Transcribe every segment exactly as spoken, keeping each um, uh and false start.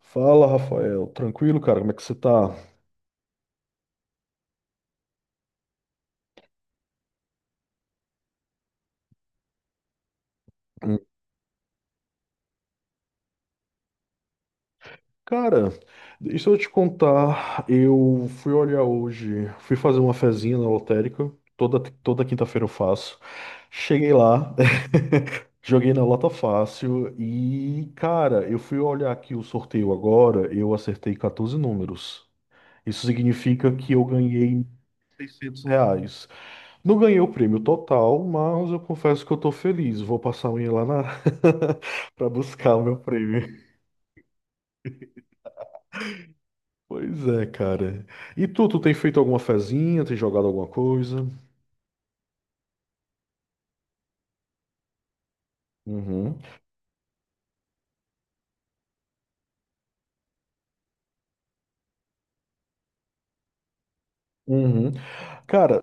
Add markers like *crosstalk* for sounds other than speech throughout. Fala, Rafael. Tranquilo, cara? Como é que você tá? Hum, Cara, deixa eu te contar. Eu fui olhar hoje, fui fazer uma fezinha na lotérica. Toda, toda quinta-feira eu faço. Cheguei lá, *laughs* joguei na Lota Fácil e, cara, eu fui olhar aqui o sorteio agora. Eu acertei quatorze números. Isso significa que eu ganhei seiscentos reais. Não ganhei o prêmio total, mas eu confesso que eu tô feliz. Vou passar amanhã lá na *laughs* para buscar o meu prêmio. Pois é, cara. E tu, tu tem feito alguma fezinha, tem jogado alguma coisa? Uhum. Uhum. Cara,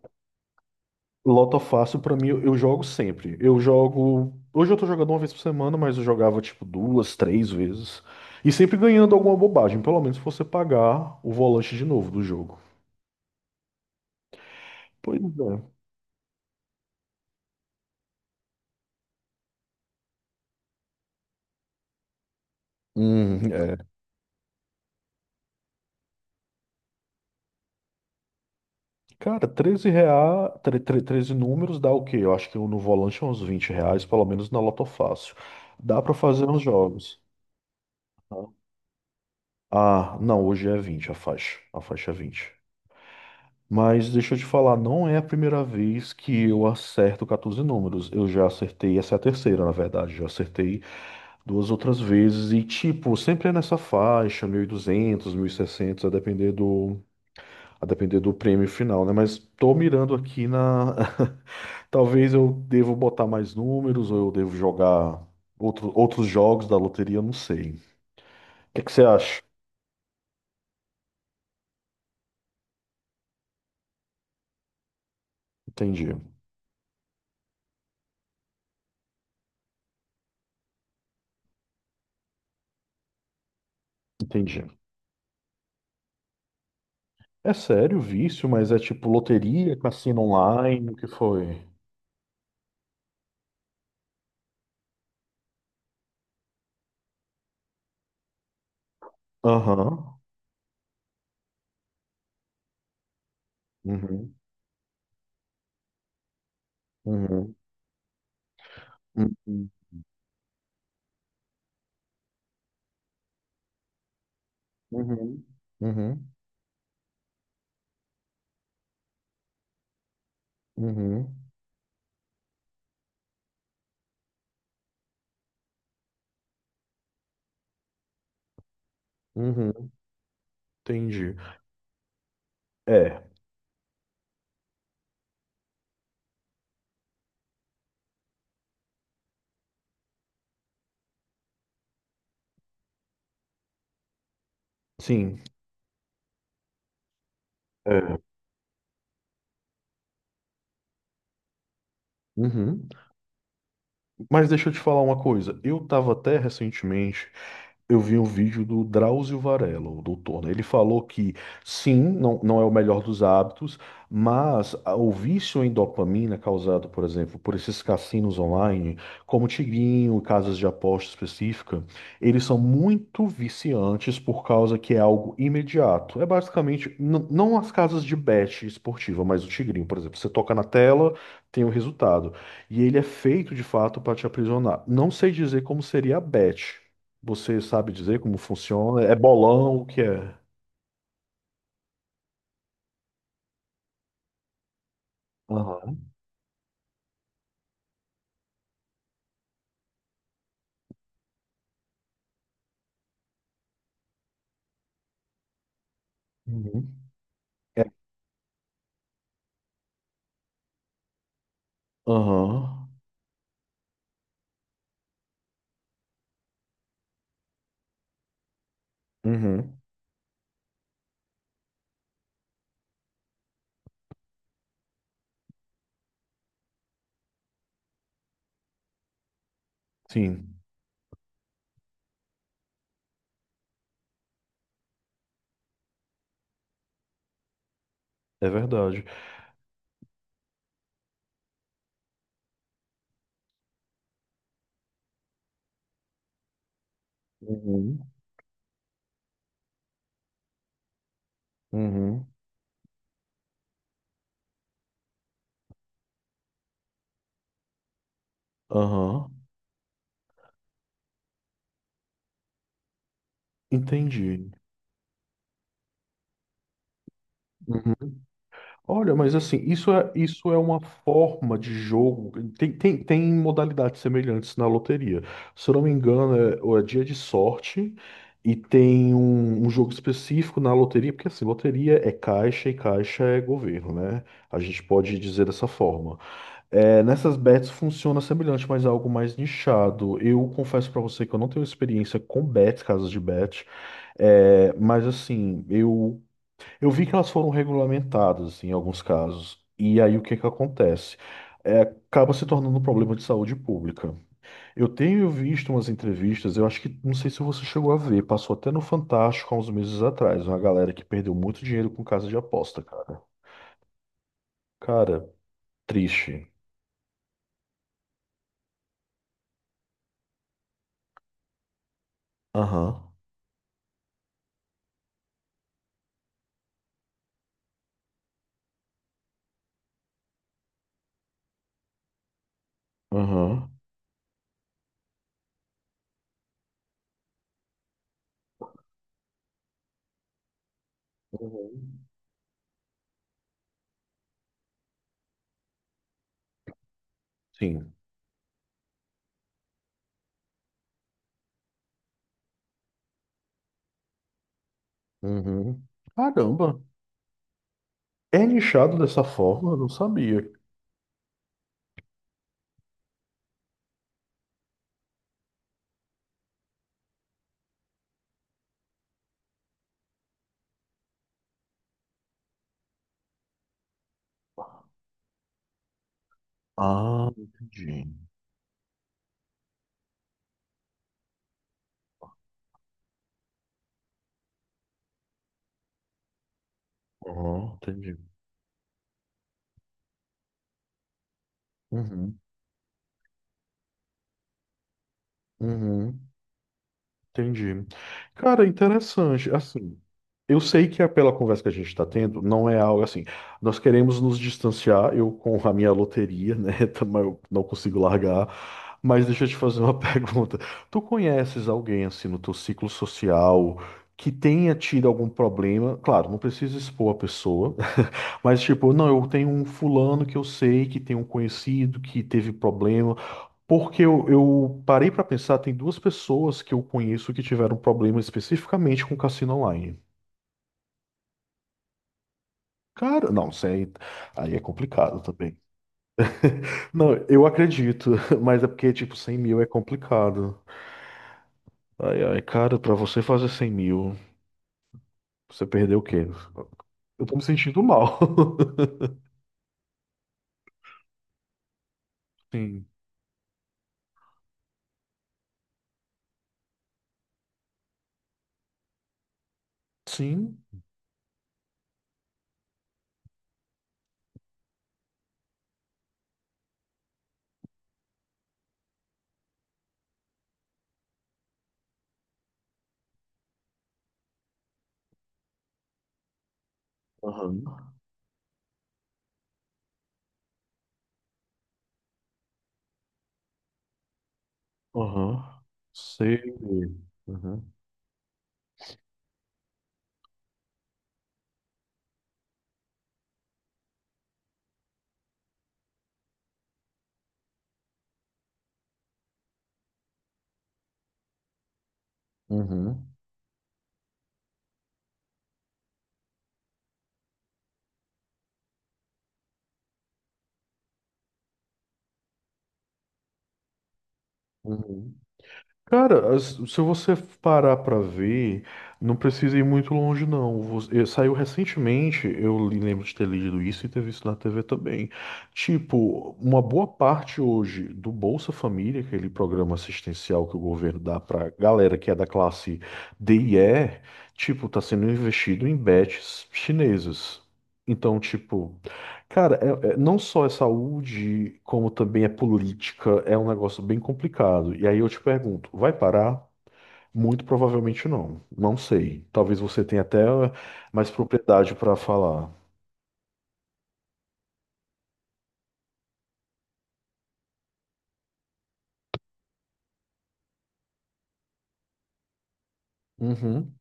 Lota Fácil pra mim eu eu jogo sempre. Eu jogo. Hoje eu tô jogando uma vez por semana, mas eu jogava tipo duas, três vezes. E sempre ganhando alguma bobagem, pelo menos se você pagar o volante de novo do jogo. Pois é. Hum, é. Cara, treze reais, tre- tre- treze números dá o quê? Eu acho que no volante é uns vinte reais, pelo menos na Lotofácil. Dá pra fazer uns jogos. Ah, não, hoje é vinte, a faixa. A faixa é vinte. Mas deixa eu te falar, não é a primeira vez que eu acerto quatorze números. Eu já acertei, essa é a terceira, na verdade. Já acertei duas outras vezes e, tipo, sempre é nessa faixa, mil mil e duzentos, mil e seiscentos, a depender do, a depender do prêmio final, né? Mas tô mirando aqui na *laughs* Talvez eu devo botar mais números ou eu devo jogar outro, outros jogos da loteria, eu não sei. O que é que você acha? Entendi, entendi. É sério, vício, mas é tipo loteria, cassino online, o que foi? Aham. Uhum. Uhum. Uhum. Uhum. Uhum. Uhum. Uhum. Entendi. É, sim. É. Uhum. Mas deixa eu te falar uma coisa. Eu tava até recentemente, eu vi um vídeo do Drauzio Varela, o doutor, né? Ele falou que sim, não, não é o melhor dos hábitos, mas a- o vício em dopamina causado, por exemplo, por esses cassinos online, como Tigrinho, casas de aposta específica, eles são muito viciantes por causa que é algo imediato. É basicamente, n- não as casas de bet esportiva, mas o Tigrinho, por exemplo. Você toca na tela, tem o resultado. E ele é feito de fato para te aprisionar. Não sei dizer como seria a bet. Você sabe dizer como funciona? É bolão, o que é? Aham. Uhum. É. Aham. Uhum. Sim, é verdade. Uhum. Uhum. Aham. Entendi. Uhum. Olha, mas assim, isso é, isso é uma forma de jogo. Tem, tem, tem modalidades semelhantes na loteria. Se eu não me engano, é, ou é dia de sorte e tem um, um jogo específico na loteria, porque assim, loteria é caixa e caixa é governo, né? A gente pode dizer dessa forma. É, nessas bets funciona semelhante, mas é algo mais nichado. Eu confesso pra você que eu não tenho experiência com bets, casas de bet. É, mas assim, eu eu vi que elas foram regulamentadas em alguns casos. E aí o que que acontece? É, acaba se tornando um problema de saúde pública. Eu tenho visto umas entrevistas, eu acho que, não sei se você chegou a ver, passou até no Fantástico há uns meses atrás, uma galera que perdeu muito dinheiro com casa de aposta, cara. Cara, triste. Aham, aham. Uhum. Sim. Uhum. Caramba. É nichado dessa forma? Eu não sabia. Ah, entendi. Aham, entendi. Uhum, uhum. Entendi. Cara, interessante. Assim, eu sei que é pela conversa que a gente está tendo, não é algo assim. Nós queremos nos distanciar, eu com a minha loteria, né? *laughs* Também eu não consigo largar. Mas deixa eu te fazer uma *laughs* pergunta. Tu conheces alguém assim no teu ciclo social que tenha tido algum problema? Claro, não precisa expor a pessoa, mas, tipo, não, eu tenho um fulano que eu sei que tem um conhecido que teve problema. Porque eu, eu parei pra pensar, tem duas pessoas que eu conheço que tiveram problema especificamente com cassino online. Cara, não, isso aí, aí é complicado também. Não, eu acredito, *laughs* mas é porque, tipo, cem mil é complicado. Ai, ai, cara, pra você fazer cem mil, você perdeu o quê? Eu tô me sentindo mal. *laughs* Sim. Sim. Aham. Aham. Sei. Uhum. Uhum. Uhum. Cara, as- se você parar pra ver, não precisa ir muito longe, não. Você- eh, saiu recentemente, eu li- lembro de ter lido isso e ter visto na T V também. Tipo, uma boa parte hoje do Bolsa Família, aquele programa assistencial que o governo dá pra galera que é da classe dê e ê, tipo, tá sendo investido em bets chinesas. Então, tipo. Cara, é- é- não só é saúde, como também é política, é um negócio bem complicado. E aí eu te pergunto, vai parar? Muito provavelmente não. Não sei. Talvez você tenha até eh, mais propriedade para falar. Uhum,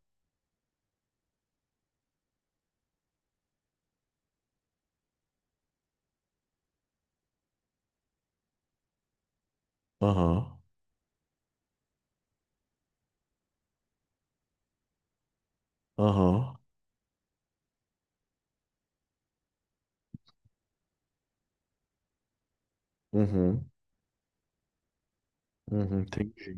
aham, aham, uhum, uhum, entendi.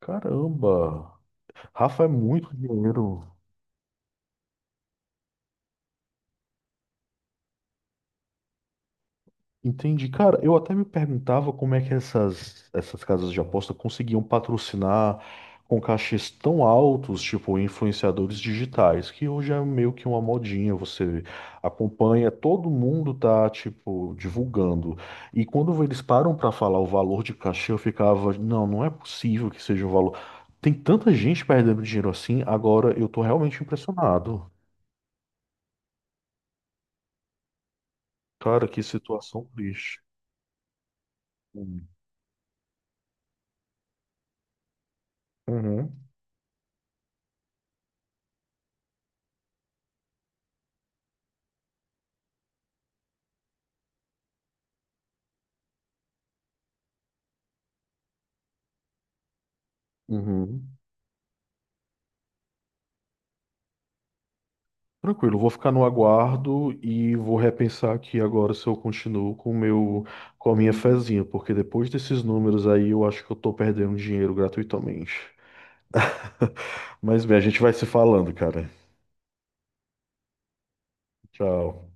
Caramba, Rafa é muito dinheiro. Entendi. Cara, eu até me perguntava como é que essas, essas casas de aposta conseguiam patrocinar com cachês tão altos, tipo influenciadores digitais, que hoje é meio que uma modinha, você acompanha, todo mundo tá, tipo, divulgando. E quando eles param para falar o valor de cachê, eu ficava, não, não é possível que seja um valor. Tem tanta gente perdendo dinheiro assim, agora eu tô realmente impressionado. Cara, que situação triste. Uhum. Uhum. Tranquilo, vou ficar no aguardo e vou repensar aqui agora se eu continuo com o meu, com a minha fezinha, porque depois desses números aí eu acho que eu tô perdendo dinheiro gratuitamente. *laughs* Mas bem, a gente vai se falando, cara. Tchau.